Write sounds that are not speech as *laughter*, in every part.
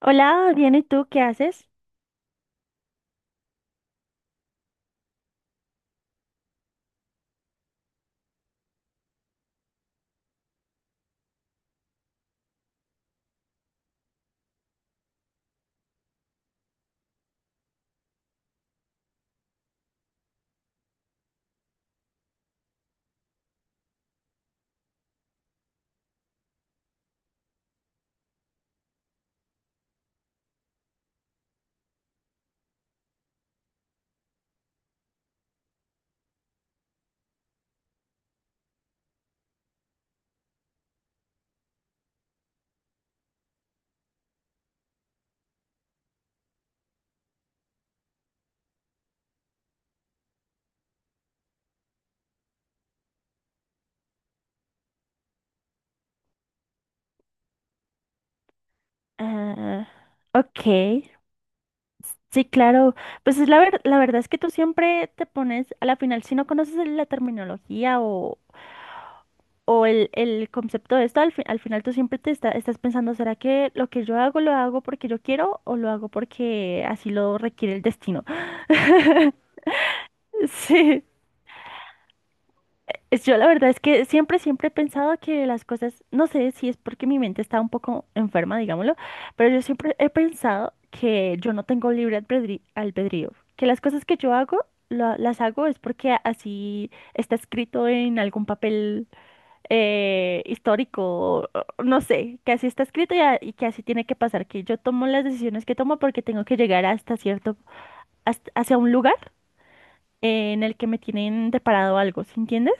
Hola, bien, ¿y tú qué haces? Ah, ok, sí, claro. Pues es la la verdad es que tú siempre te pones, a la final, si no conoces la terminología o el concepto de esto, al, al final tú siempre te estás pensando, ¿será que lo que yo hago lo hago porque yo quiero o lo hago porque así lo requiere el destino? *laughs* Sí. Yo la verdad es que siempre he pensado que las cosas, no sé si es porque mi mente está un poco enferma, digámoslo, pero yo siempre he pensado que yo no tengo albedrío, que las cosas que yo hago, las hago es porque así está escrito en algún papel histórico, o- o no sé, que así está escrito y, y que así tiene que pasar, que yo tomo las decisiones que tomo porque tengo que llegar hasta cierto, hacia un lugar en el que me tienen deparado algo, ¿sí entiendes?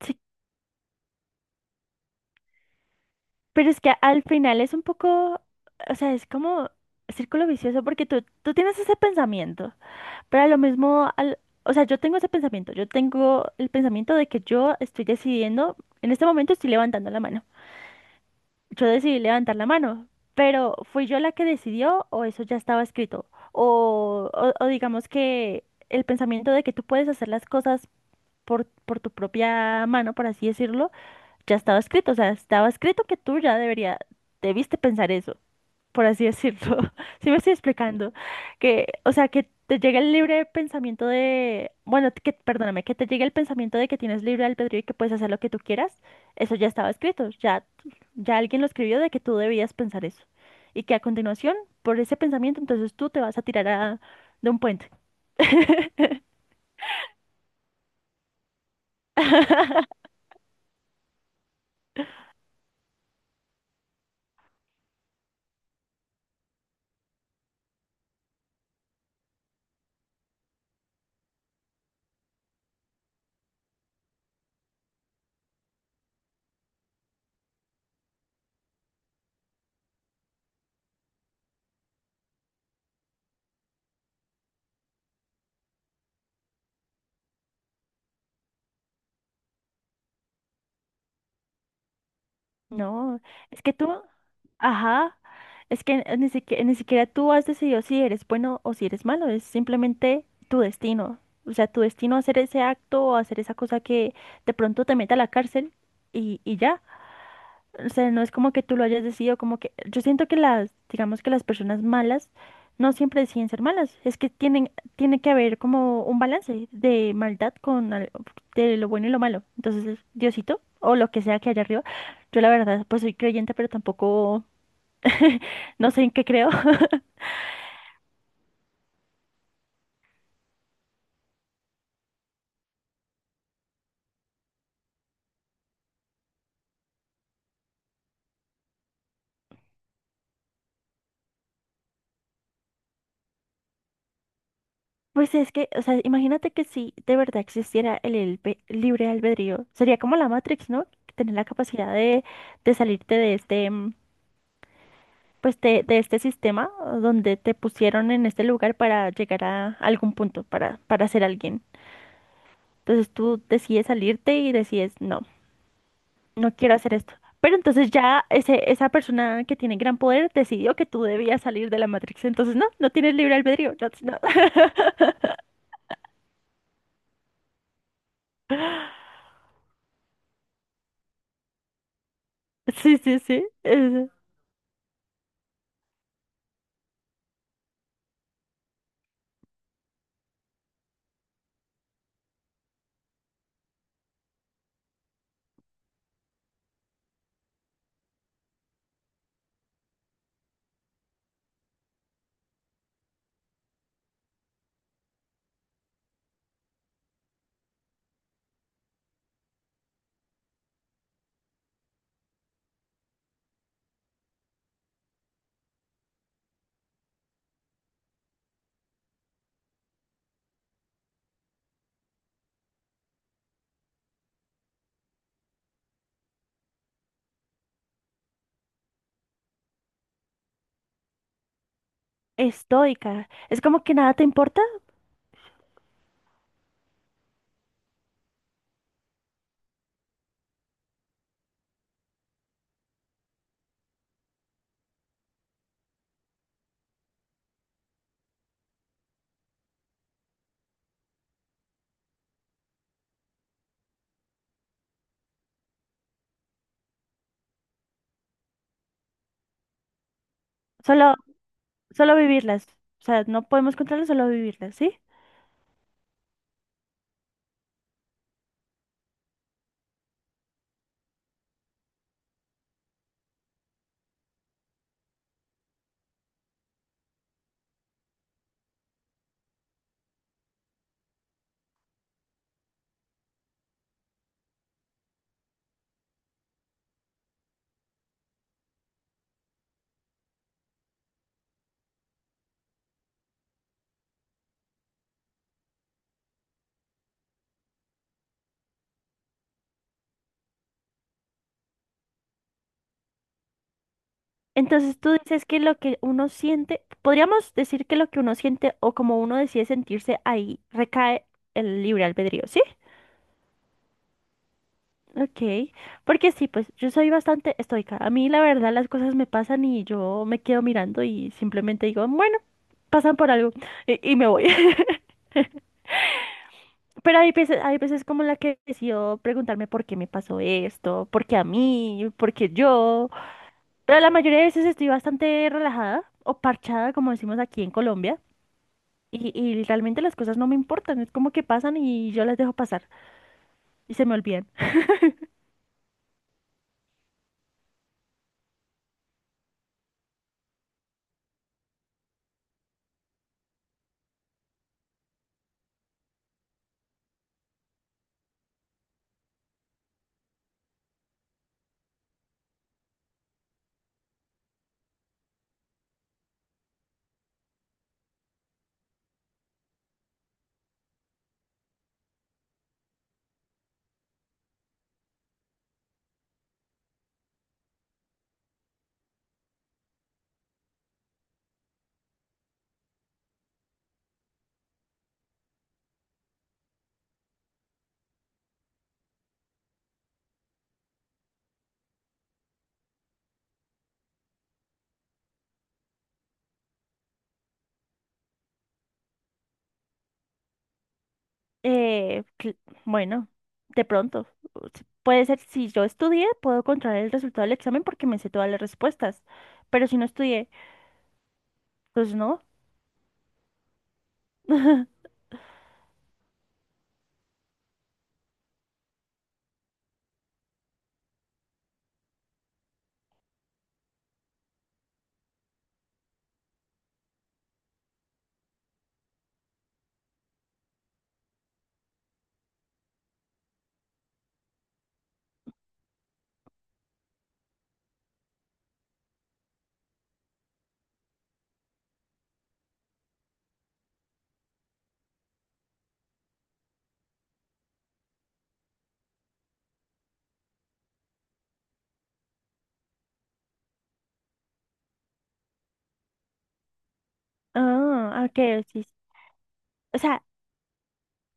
Sí. Pero es que al final es un poco, o sea, es como círculo vicioso porque tú tienes ese pensamiento, pero a lo mismo, al, o sea, yo tengo ese pensamiento, yo tengo el pensamiento de que yo estoy decidiendo, en este momento estoy levantando la mano, yo decidí levantar la mano, pero ¿fui yo la que decidió o eso ya estaba escrito? O digamos que el pensamiento de que tú puedes hacer las cosas por tu propia mano, por así decirlo ya estaba escrito, o sea, estaba escrito que tú ya debería, debiste pensar eso, por así decirlo. *laughs* Sí me estoy explicando. Que, o sea, que te llegue el libre pensamiento de, bueno, que, perdóname, que te llegue el pensamiento de que tienes libre albedrío y que puedes hacer lo que tú quieras, eso ya estaba escrito, ya, ya alguien lo escribió de que tú debías pensar eso. Y que a continuación, por ese pensamiento, entonces tú te vas a de un puente. No, es que tú, ajá, es que ni siquiera tú has decidido si eres bueno o si eres malo, es simplemente tu destino. O sea, tu destino hacer ese acto o hacer esa cosa que de pronto te meta a la cárcel y ya. O sea, no es como que tú lo hayas decidido, como que yo siento que las, digamos que las personas malas no siempre deciden ser malas, es que tienen, tiene que haber como un balance de maldad con de lo bueno y lo malo. Entonces, Diosito, o lo que sea que haya arriba, yo la verdad, pues soy creyente, pero tampoco *laughs* no sé en qué creo. *laughs* Pues es que, o sea, imagínate que si de verdad existiera el libre albedrío, sería como la Matrix, ¿no? Tener la capacidad de salirte de este. Pues de este sistema donde te pusieron en este lugar para llegar a algún punto, para ser alguien. Entonces tú decides salirte y decides, no, no quiero hacer esto. Pero entonces ya ese, esa persona que tiene gran poder decidió que tú debías salir de la Matrix. Entonces no, no tienes libre albedrío. No, no. *laughs* Sí, sí, sí. Es estoica. Es como que nada te importa, solo, solo vivirlas. O sea, no podemos controlarlas, solo vivirlas, ¿sí? Entonces tú dices que lo que uno siente, podríamos decir que lo que uno siente o como uno decide sentirse ahí recae el libre albedrío, ¿sí? Ok, porque sí, pues yo soy bastante estoica. A mí la verdad las cosas me pasan y yo me quedo mirando y simplemente digo, bueno, pasan por algo y me voy. *laughs* Pero hay veces como la que decido preguntarme por qué me pasó esto, por qué a mí, por qué yo. Pero la mayoría de veces estoy bastante relajada o parchada, como decimos aquí en Colombia. Y realmente las cosas no me importan, es como que pasan y yo las dejo pasar y se me olvidan. Eh, cl- bueno, de pronto, o puede ser, si yo estudié, puedo controlar el resultado del examen porque me sé todas las respuestas, pero si no estudié, pues no. *laughs* Ah, ok, sí. Sí. O sea,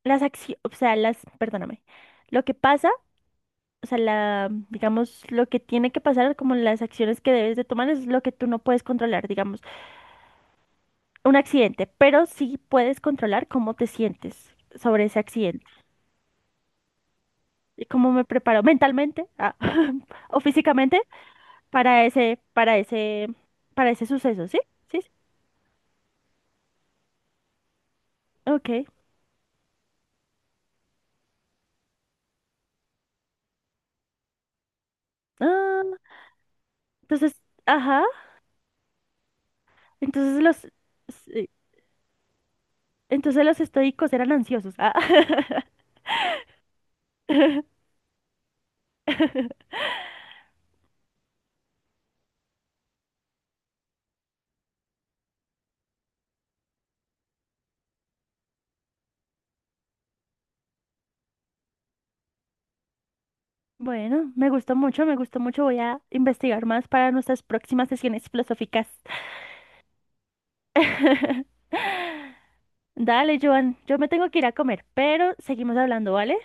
las acciones, o sea, las, perdóname, lo que pasa, o sea, la, digamos, lo que tiene que pasar, como las acciones que debes de tomar es lo que tú no puedes controlar, digamos. Un accidente, pero sí puedes controlar cómo te sientes sobre ese accidente y cómo me preparo mentalmente ah, *laughs* o físicamente para ese, para ese, para ese suceso, ¿sí? Sí, sí. Ok. Ah, entonces, ajá, entonces los, sí, entonces los estoicos eran ansiosos. Ah, *laughs* Bueno, me gustó mucho. Voy a investigar más para nuestras próximas sesiones filosóficas. *laughs* Dale, Joan, yo me tengo que ir a comer, pero seguimos hablando, ¿vale?